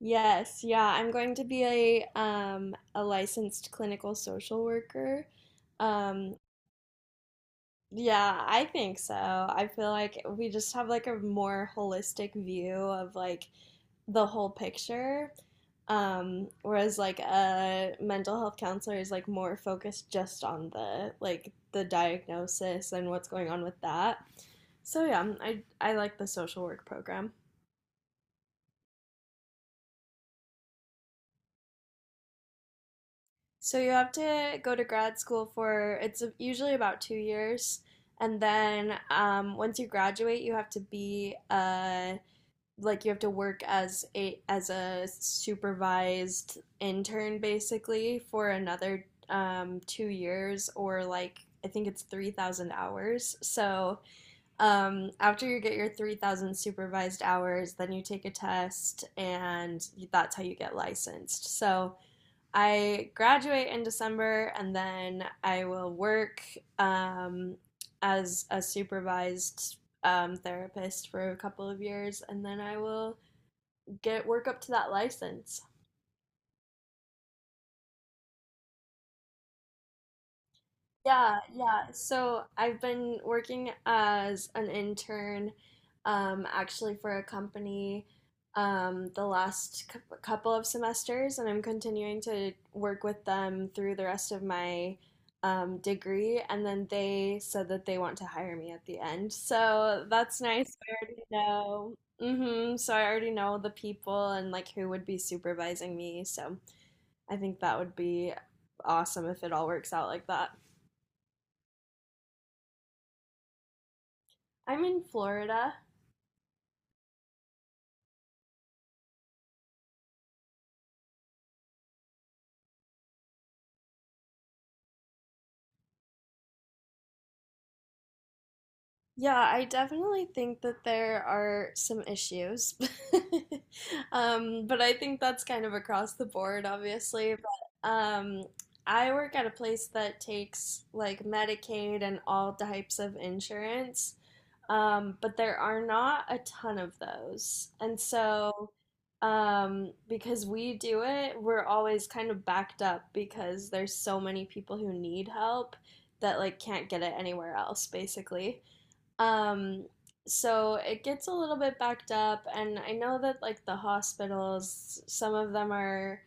Yes, yeah, I'm going to be a licensed clinical social worker. Um yeah, I think so. I feel like we just have like a more holistic view of like the whole picture. Whereas like a mental health counselor is like more focused just on the diagnosis and what's going on with that. So yeah, I like the social work program. So you have to go to grad school for it's usually about 2 years, and then once you graduate, you have to be like you have to work as a supervised intern basically for another 2 years or like I think it's 3,000 hours. So after you get your 3,000 supervised hours, then you take a test, and that's how you get licensed. So I graduate in December and then I will work um, as a supervised therapist for a couple of years and then I will get work up to that license. Yeah, yeah. So I've been working as an intern, actually for a company, the last couple of semesters, and I'm continuing to work with them through the rest of my degree. And then they said that they want to hire me at the end, so that's nice. I already know. Hmm. So I already know the people and like who would be supervising me. So I think that would be awesome if it all works out like that. I'm in Florida. Yeah, I definitely think that there are some issues. But I think that's kind of across the board, obviously. But I work at a place that takes like Medicaid and all types of insurance. But there are not a ton of those. And so, because we do it, we're always kind of backed up because there's so many people who need help that like can't get it anywhere else, basically. Um, so it gets a little bit backed up, and I know that like the hospitals, some of them are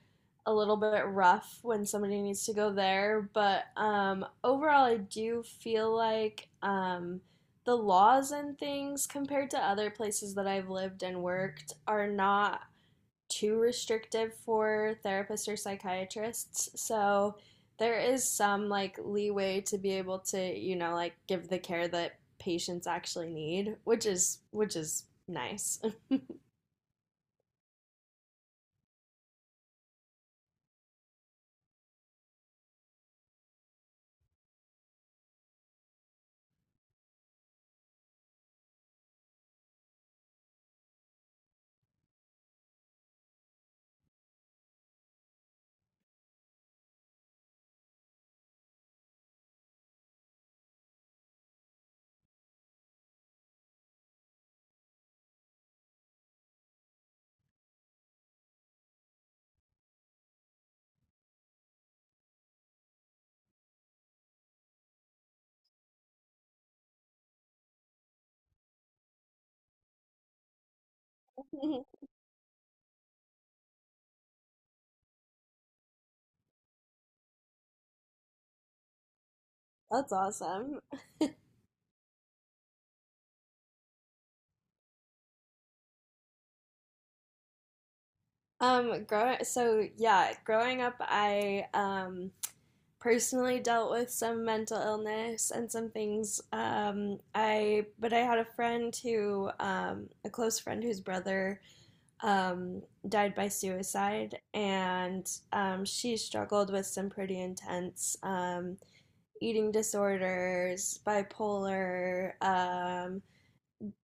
a little bit rough when somebody needs to go there, but overall, I do feel like the laws and things compared to other places that I've lived and worked are not too restrictive for therapists or psychiatrists. So there is some like leeway to be able to, like give the care that patients actually need, which is nice. That's awesome. Grow so yeah, growing up, I personally dealt with some mental illness and some things. I But I had a friend who, a close friend whose brother um, died by suicide, and she struggled with some pretty intense eating disorders, bipolar,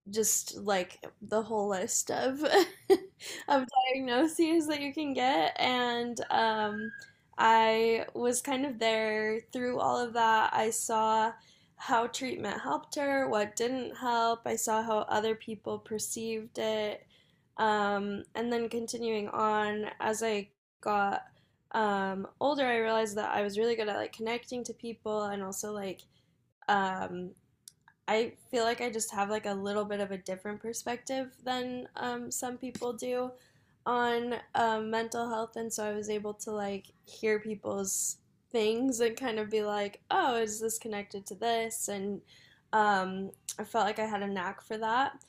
just like the whole list of of diagnoses that you can get. And I was kind of there through all of that. I saw how treatment helped her, what didn't help. I saw how other people perceived it. And then continuing on, as I got older, I realized that I was really good at like connecting to people and also um, I feel like I just have like a little bit of a different perspective than some people do on mental health, and so I was able to like hear people's things and kind of be like, oh, is this connected to this? And um, I felt like I had a knack for that.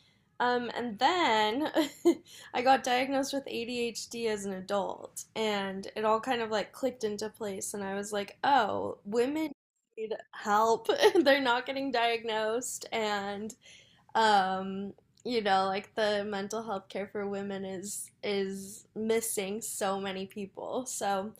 And then I got diagnosed with ADHD as an adult, and it all kind of like clicked into place. And I was like, oh, women need help. They're not getting diagnosed. And um you know, like the mental health care for women is missing so many people. So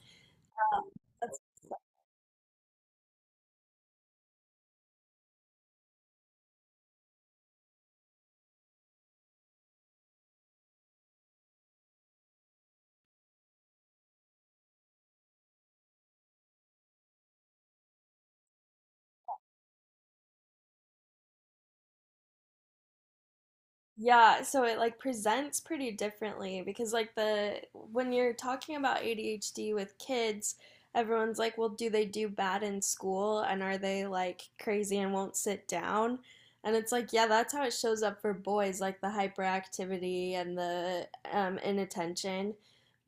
yeah, so it like presents pretty differently because like the when you're talking about ADHD with kids, everyone's like, "Well, do they do bad in school and are they like crazy and won't sit down?" And it's like, yeah, that's how it shows up for boys, like the hyperactivity and the inattention.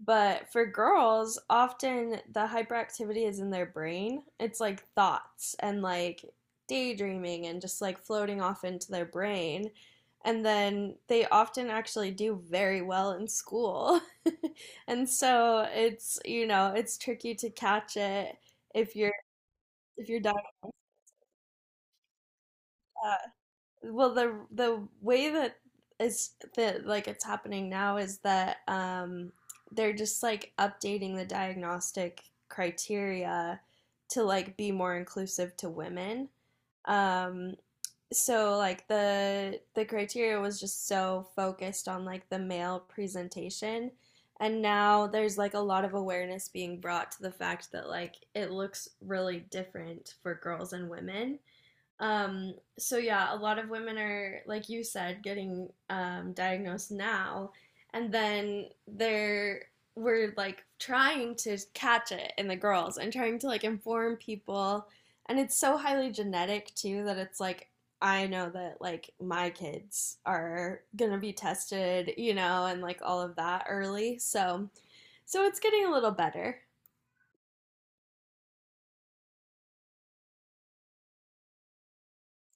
But for girls, often the hyperactivity is in their brain. It's like thoughts and like daydreaming and just like floating off into their brain, and then they often actually do very well in school. And so it's, you know, it's tricky to catch it if you're if you're diagnosed. Like, well, the way that is, that like it's happening now is that they're just like updating the diagnostic criteria to like be more inclusive to women. Um so like the criteria was just so focused on like the male presentation, and now there's like a lot of awareness being brought to the fact that like it looks really different for girls and women. So yeah, a lot of women are, like you said, getting diagnosed now, and then they're we're like trying to catch it in the girls and trying to like inform people, and it's so highly genetic too that it's like I know that like my kids are gonna be tested, you know, and like all of that early. So so it's getting a little better.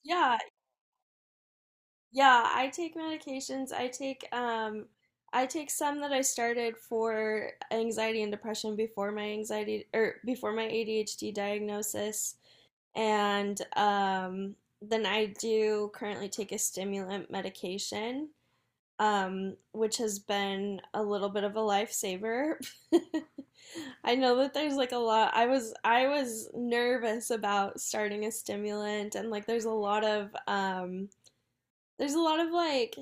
Yeah. Yeah, I take medications. I take some that I started for anxiety and depression before my anxiety or before my ADHD diagnosis. And Then I do currently take a stimulant medication, which has been a little bit of a lifesaver. I know that there's like a lot. I was nervous about starting a stimulant and like there's a lot of there's a lot of like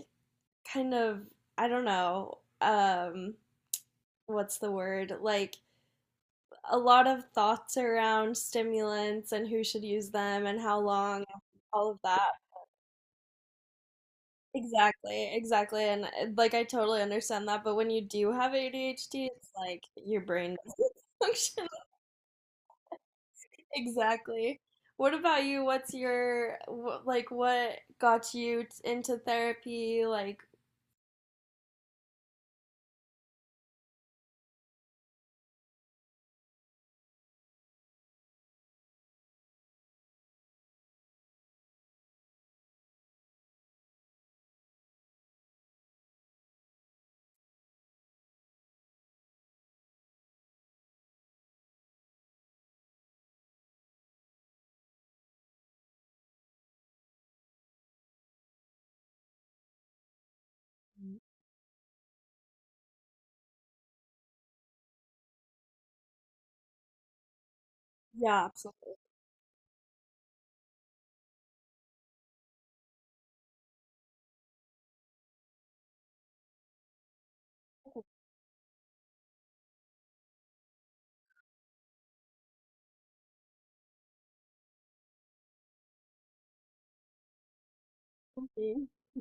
kind of I don't know, what's the word? Like a lot of thoughts around stimulants and who should use them and how long, all of that. Exactly, exactly. And like I totally understand that, but when you do have ADHD, it's like your brain doesn't function. Exactly. What about you? What's your like what got you into therapy? Like, yeah, absolutely. Yeah.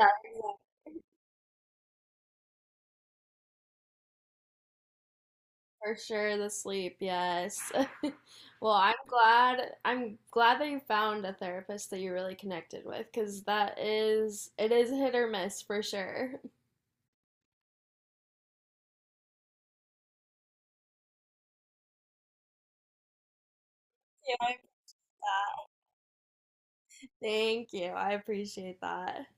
Yeah, exactly. For sure, the sleep, yes. Well, I'm glad that you found a therapist that you really connected with because that is it is hit or miss for sure. Yeah, I'm glad. Thank you. I appreciate that.